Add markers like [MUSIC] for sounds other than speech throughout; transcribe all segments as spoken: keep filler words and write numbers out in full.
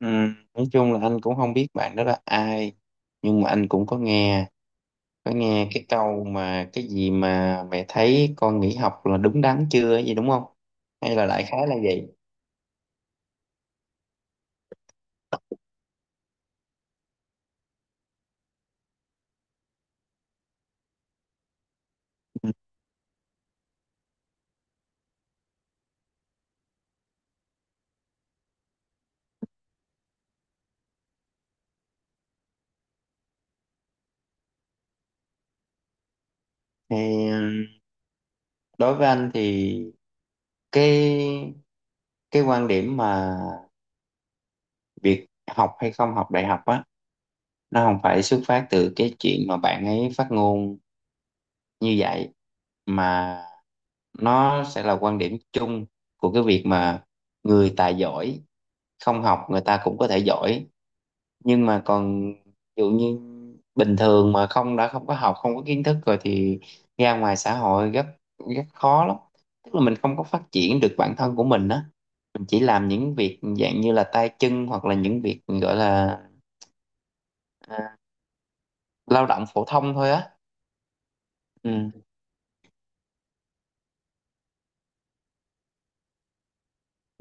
Ừ, nói chung là anh cũng không biết bạn đó là ai, nhưng mà anh cũng có nghe có nghe cái câu mà cái gì mà mẹ thấy con nghỉ học là đúng đắn chưa ấy gì, đúng không? Hay là đại khái là vậy. Ừ. Thì ừ, đối với anh thì cái cái quan điểm mà việc học hay không học đại học á, nó không phải xuất phát từ cái chuyện mà bạn ấy phát ngôn như vậy, mà nó sẽ là quan điểm chung của cái việc mà người tài giỏi không học người ta cũng có thể giỏi. Nhưng mà còn ví dụ như bình thường mà không đã không có học, không có kiến thức rồi thì ra ngoài xã hội rất rất khó lắm. Tức là mình không có phát triển được bản thân của mình á, mình chỉ làm những việc dạng như là tay chân, hoặc là những việc gọi là à, lao động phổ thông thôi á. Ừ.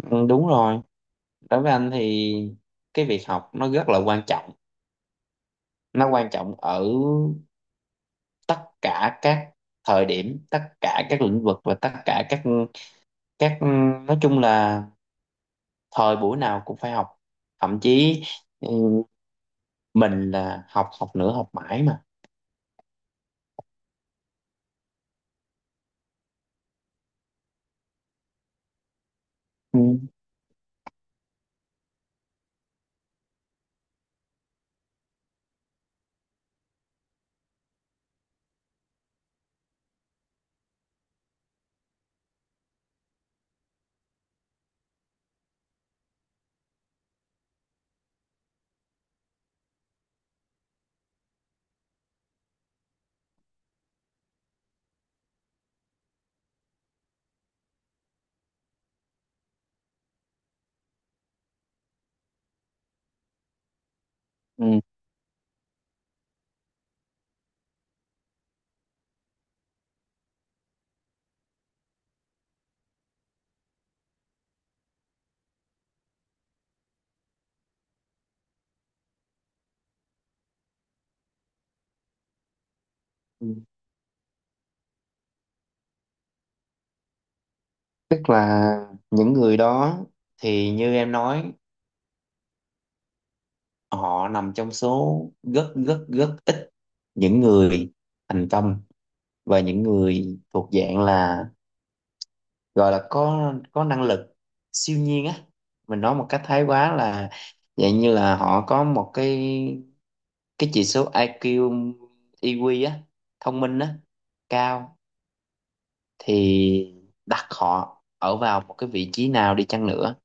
Ừ, đúng rồi. Đối với anh thì cái việc học nó rất là quan trọng. Nó quan trọng ở tất cả các thời điểm, tất cả các lĩnh vực và tất cả các các nói chung là thời buổi nào cũng phải học. Thậm chí ừ, mình là học, học nữa, học mãi mà. Ừ. Ừ. Ừ. Tức là những người đó thì như em nói, họ nằm trong số rất rất rất ít những người thành công, và những người thuộc dạng là gọi là có có năng lực siêu nhiên á. Mình nói một cách thái quá là dạng như là họ có một cái cái chỉ số ai kiu, e quy á, thông minh á, cao. Thì đặt họ ở vào một cái vị trí nào đi chăng nữa,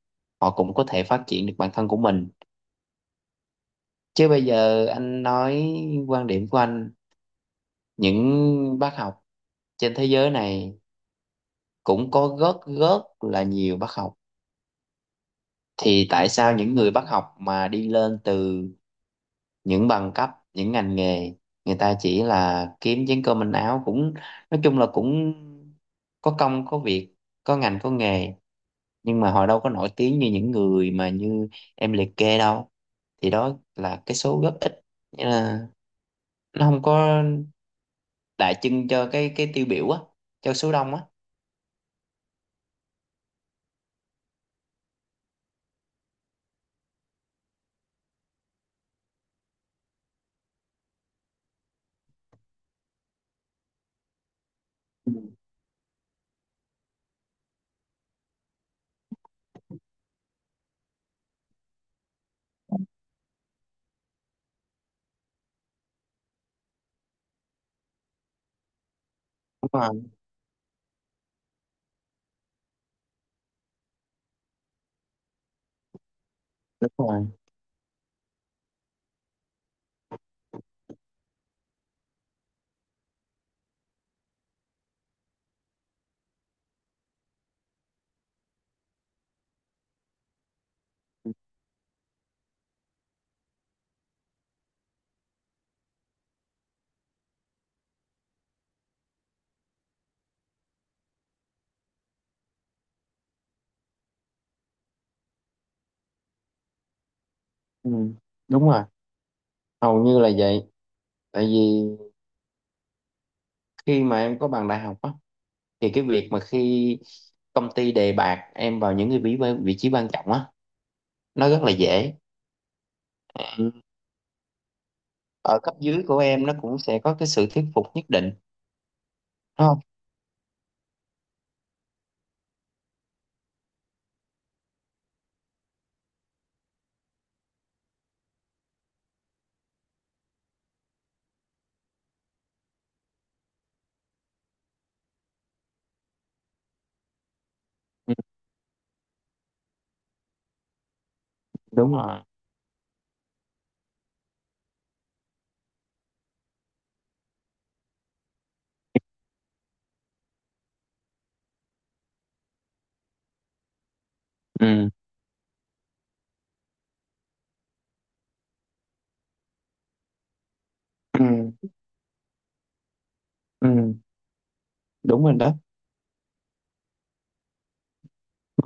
họ cũng có thể phát triển được bản thân của mình. Chứ bây giờ anh nói quan điểm của anh, những bác học trên thế giới này cũng có rất rất là nhiều bác học, thì tại sao những người bác học mà đi lên từ những bằng cấp, những ngành nghề, người ta chỉ là kiếm chén cơm manh áo, cũng nói chung là cũng có công có việc, có ngành có nghề, nhưng mà họ đâu có nổi tiếng như những người mà như em liệt kê đâu. Thì đó là cái số góp ích. Nghĩa là nó không có đại trưng cho cái cái tiêu biểu á, cho số đông á. Ừ, đúng rồi. Đúng rồi. Ừ, đúng rồi. Hầu như là vậy. Tại vì khi mà em có bằng đại học á, thì cái việc mà khi công ty đề bạt em vào những cái vị vị trí quan trọng á, nó rất là dễ. Ừ. Ở cấp dưới của em nó cũng sẽ có cái sự thuyết phục nhất định, đúng không? Ừ, đúng rồi. Ừ. Ừ. Ừ, đúng rồi đó.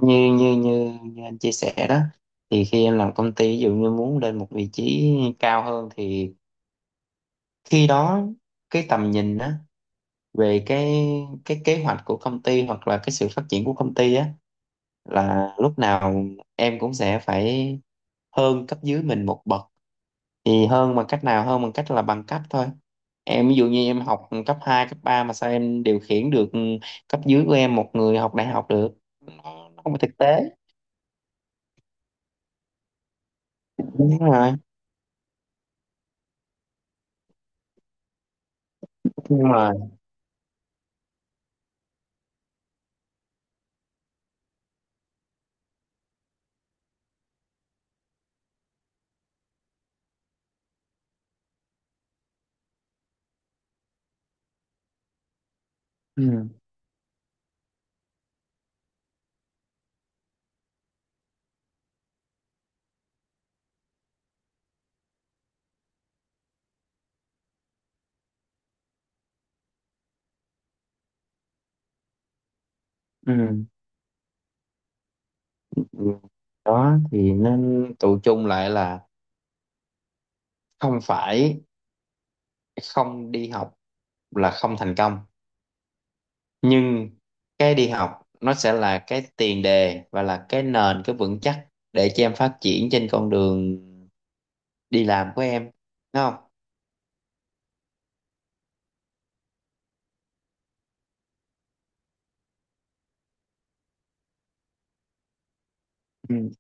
Như như như như anh chia sẻ đó, thì khi em làm công ty ví dụ như muốn lên một vị trí cao hơn, thì khi đó cái tầm nhìn á, về cái cái kế hoạch của công ty hoặc là cái sự phát triển của công ty á, là lúc nào em cũng sẽ phải hơn cấp dưới mình một bậc. Thì hơn bằng cách nào? Hơn bằng cách là bằng cấp thôi. Em ví dụ như em học cấp hai, cấp ba mà sao em điều khiển được cấp dưới của em một người học đại học được? Nó, nó không có thực tế. Đúng rồi. Đúng rồi. Ừ. Ừ. Ừ. Đó, thì nên tụ chung lại là không phải không đi học là không thành công, nhưng cái đi học nó sẽ là cái tiền đề và là cái nền, cái vững chắc để cho em phát triển trên con đường đi làm của em, đúng không? Ừ.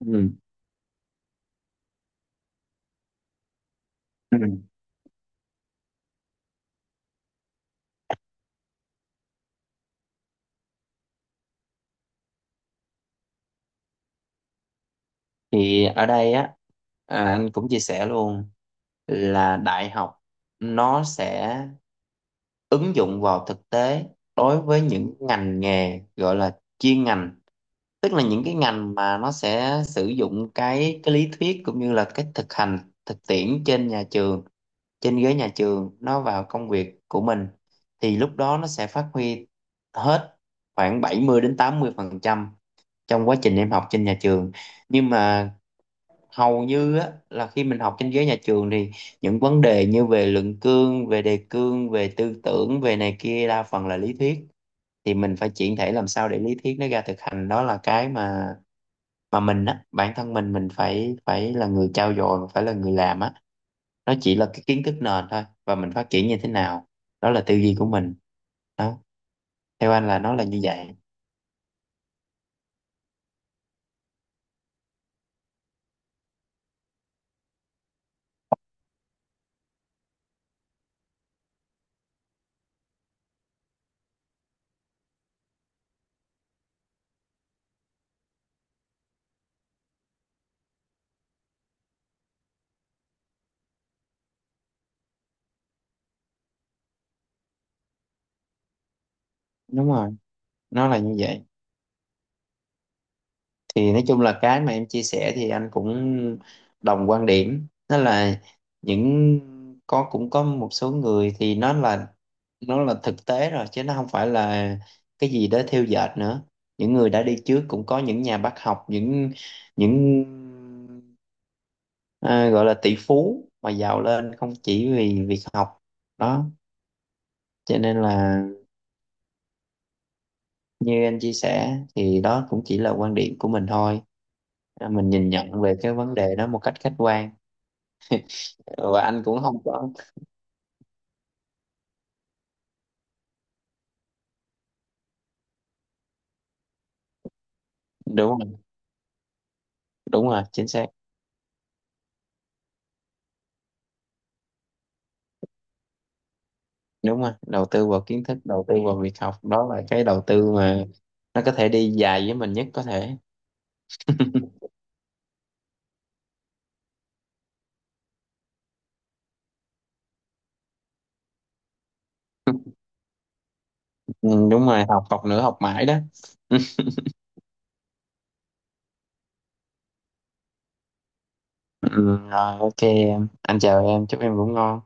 Ừ. Ừ. Thì ở đây á, à, anh cũng chia sẻ luôn là đại học nó sẽ ứng dụng vào thực tế đối với những ngành nghề gọi là chuyên ngành. Tức là những cái ngành mà nó sẽ sử dụng cái cái lý thuyết cũng như là cái thực hành, thực tiễn trên nhà trường, trên ghế nhà trường, nó vào công việc của mình, thì lúc đó nó sẽ phát huy hết khoảng bảy mươi đến tám mươi phần trăm trong quá trình em học trên nhà trường. Nhưng mà hầu như á, là khi mình học trên ghế nhà trường thì những vấn đề như về luận cương, về đề cương, về tư tưởng, về này kia đa phần là lý thuyết. Thì mình phải chuyển thể làm sao để lý thuyết nó ra thực hành, đó là cái mà mà mình á, bản thân mình mình phải phải là người trau dồi, phải là người làm á. Nó chỉ là cái kiến thức nền thôi, và mình phát triển như thế nào, đó là tư duy của mình. Đó, theo anh là nó là như vậy. Đúng rồi, nó là như vậy. Thì nói chung là cái mà em chia sẻ thì anh cũng đồng quan điểm. Đó là những có cũng có một số người thì nó là nó là thực tế rồi, chứ nó không phải là cái gì đó thêu dệt nữa. Những người đã đi trước cũng có những nhà bác học, những những à, gọi là tỷ phú mà giàu lên không chỉ vì việc học đó. Cho nên là, như anh chia sẻ, thì đó cũng chỉ là quan điểm của mình thôi, mình nhìn nhận về cái vấn đề đó một cách khách quan. Ờ, và anh cũng không có. Đúng rồi. Đúng rồi, chính xác. Đúng rồi, đầu tư vào kiến thức, đầu tư vào việc học, đó là cái đầu tư mà nó có thể đi dài với mình nhất có thể. [LAUGHS] Ừ, đúng rồi, học, học nữa, học mãi đó. Ừ, rồi ok em. Anh chào em, chúc em ngủ ngon.